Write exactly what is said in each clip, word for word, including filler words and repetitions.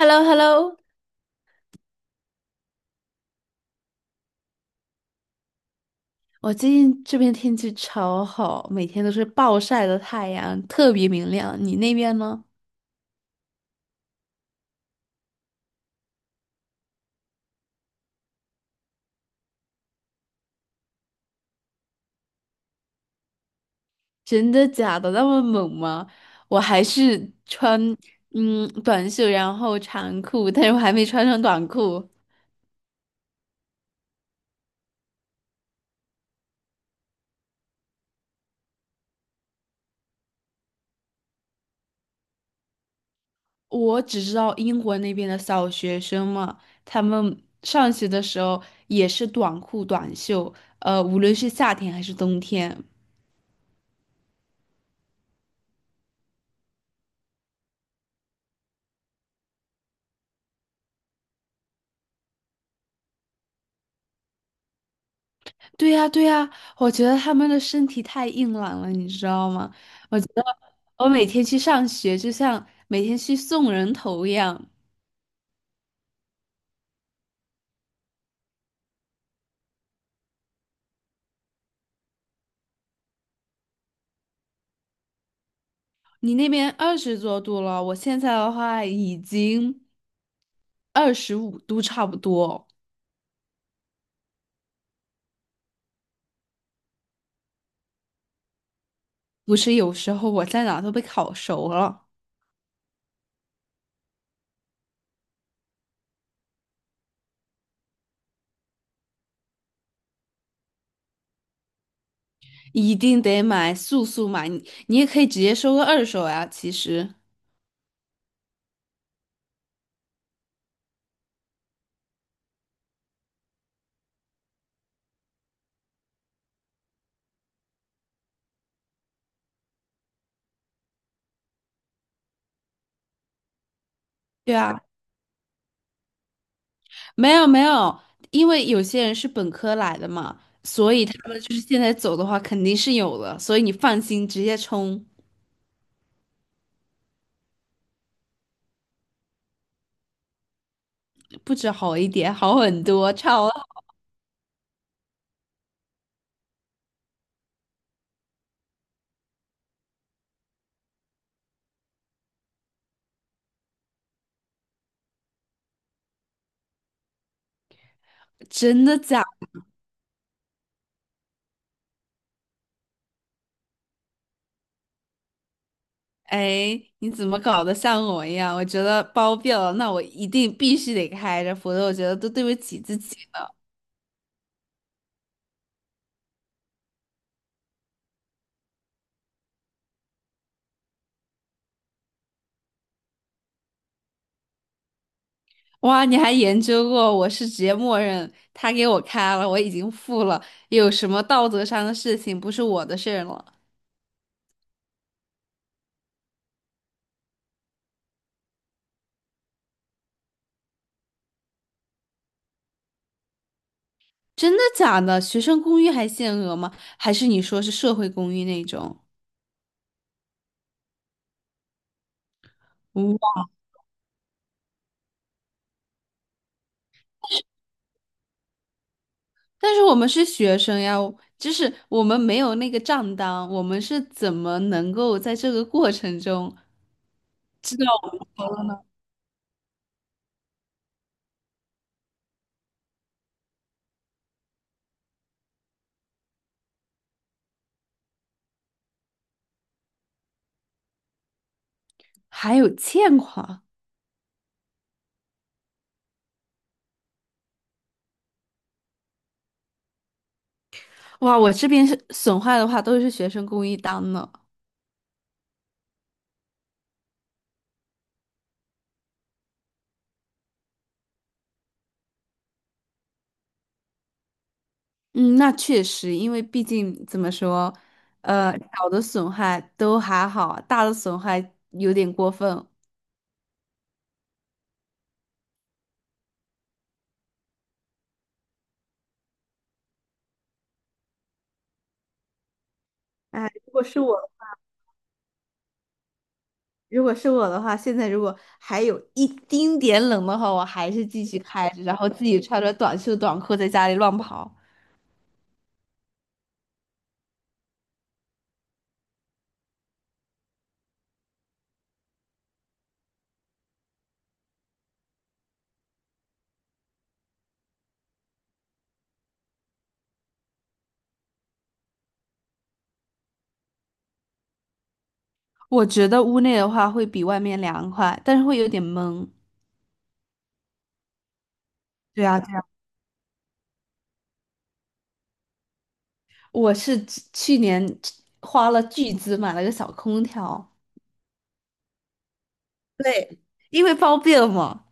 h e l l o h e l l o 我最近这边天气超好，每天都是暴晒的太阳，特别明亮。你那边呢？真的假的？那么猛吗？我还是穿嗯短袖，然后长裤，但是我还没穿上短裤。我只知道英国那边的小学生嘛，他们上学的时候也是短裤短袖，呃，无论是夏天还是冬天。对呀，对呀，我觉得他们的身体太硬朗了，你知道吗？我。我每天去上学，就像每天去送人头一样。你那边二十多度了，我现在的话已经二十五度差不多。不是，有时候我在哪都被烤熟了，一定得买，速速买。你你也可以直接收个二手呀，其实。对啊，没有没有，因为有些人是本科来的嘛，所以他们就是现在走的话肯定是有的，所以你放心，直接冲，不止好一点，好很多，超。真的假？哎，你怎么搞得像我一样？我觉得包庇了，那我一定必须得开着，否则我觉得都对不起自己了。哇，你还研究过，我是直接默认他给我开了，我已经付了，有什么道德上的事情不是我的事儿了？真的假的？学生公寓还限额吗？还是你说是社会公寓那种？哇，但是我们是学生呀，就是我们没有那个账单，我们是怎么能够在这个过程中？还有欠款，哇！我这边是损坏的话，都是学生公益单呢。嗯，那确实，因为毕竟怎么说，呃，小的损害都还好，大的损害有点过分。哎，如果是我的话，如果是我的话，现在如果还有一丁点冷的话，我还是继续开着，然后自己穿着短袖短裤在家里乱跑。我觉得屋内的话会比外面凉快，但是会有点闷。对啊。对啊，我是去去年花了巨资买了个小空调，对，因为方便嘛。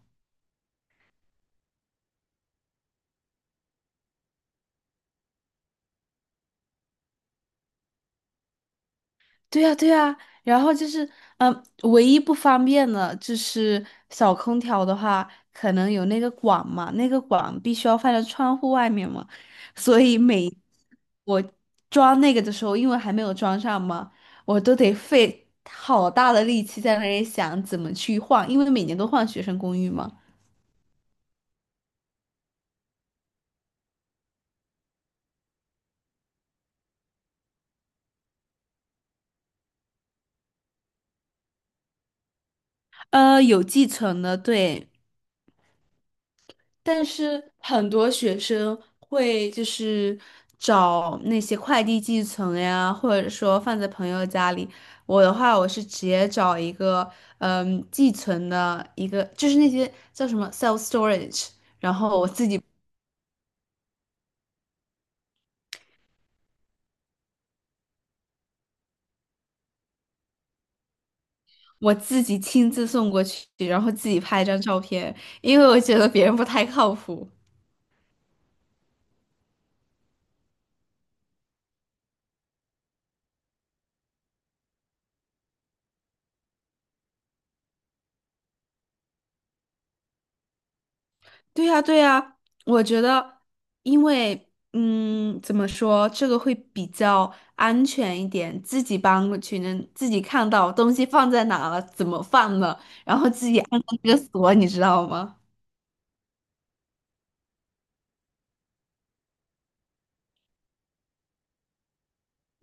对呀，对呀。然后就是，嗯，唯一不方便的就是小空调的话，可能有那个管嘛，那个管必须要放在窗户外面嘛，所以每我装那个的时候，因为还没有装上嘛，我都得费好大的力气在那里想怎么去换，因为每年都换学生公寓嘛。呃，有继承的，对，但是很多学生会就是找那些快递寄存呀，或者说放在朋友家里。我的话，我是直接找一个嗯寄存的一个，就是那些叫什么 self storage，然后我自己我自己亲自送过去，然后自己拍一张照片，因为我觉得别人不太靠谱。对呀，对呀，我觉得，因为，嗯，怎么说，这个会比较安全一点，自己搬过去能自己看到东西放在哪了，怎么放的，然后自己按照这个锁，你知道吗？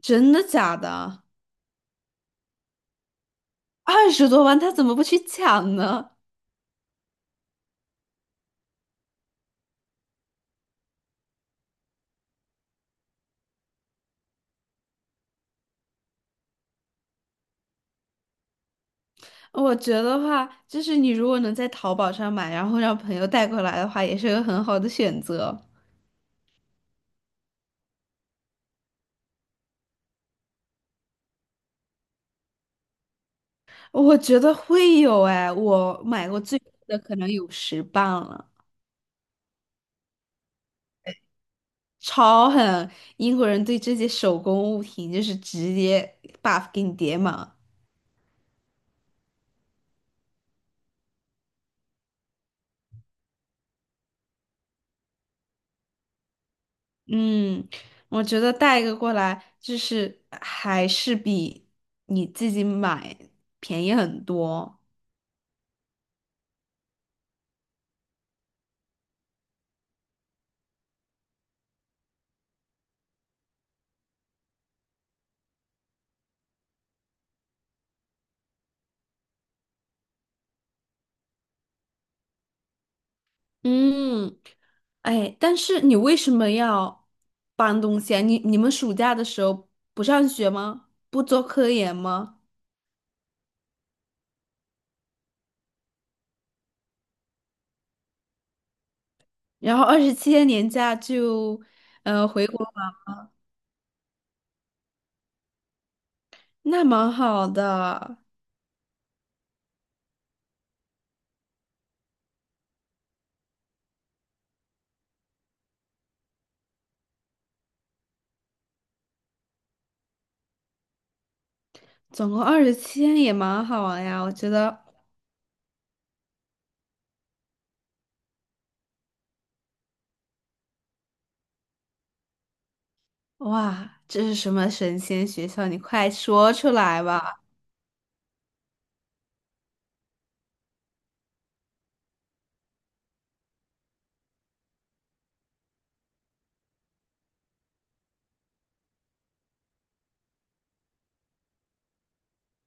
真的假的？二十多万，他怎么不去抢呢？我觉得话，就是你如果能在淘宝上买，然后让朋友带过来的话，也是个很好的选择。我觉得会有，哎，我买过最贵的可能有十磅了。超狠！英国人对这些手工物品就是直接 buff 给你叠满。嗯，我觉得带一个过来，就是还是比你自己买便宜很多。嗯，哎，但是你为什么要搬东西啊？你你们暑假的时候不上学吗？不做科研吗？然后二十七天年假就，那蛮好的，总共二十七天也蛮好呀，我觉得。哇，这是什么神仙学校？你快说出来吧！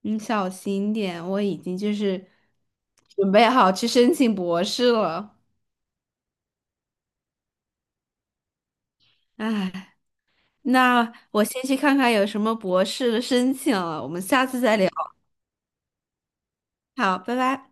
你小心点，我已经就是准备好去申请博士了。唉，那我先去看看有什么博士的申请了，我们下次再聊。好，拜拜。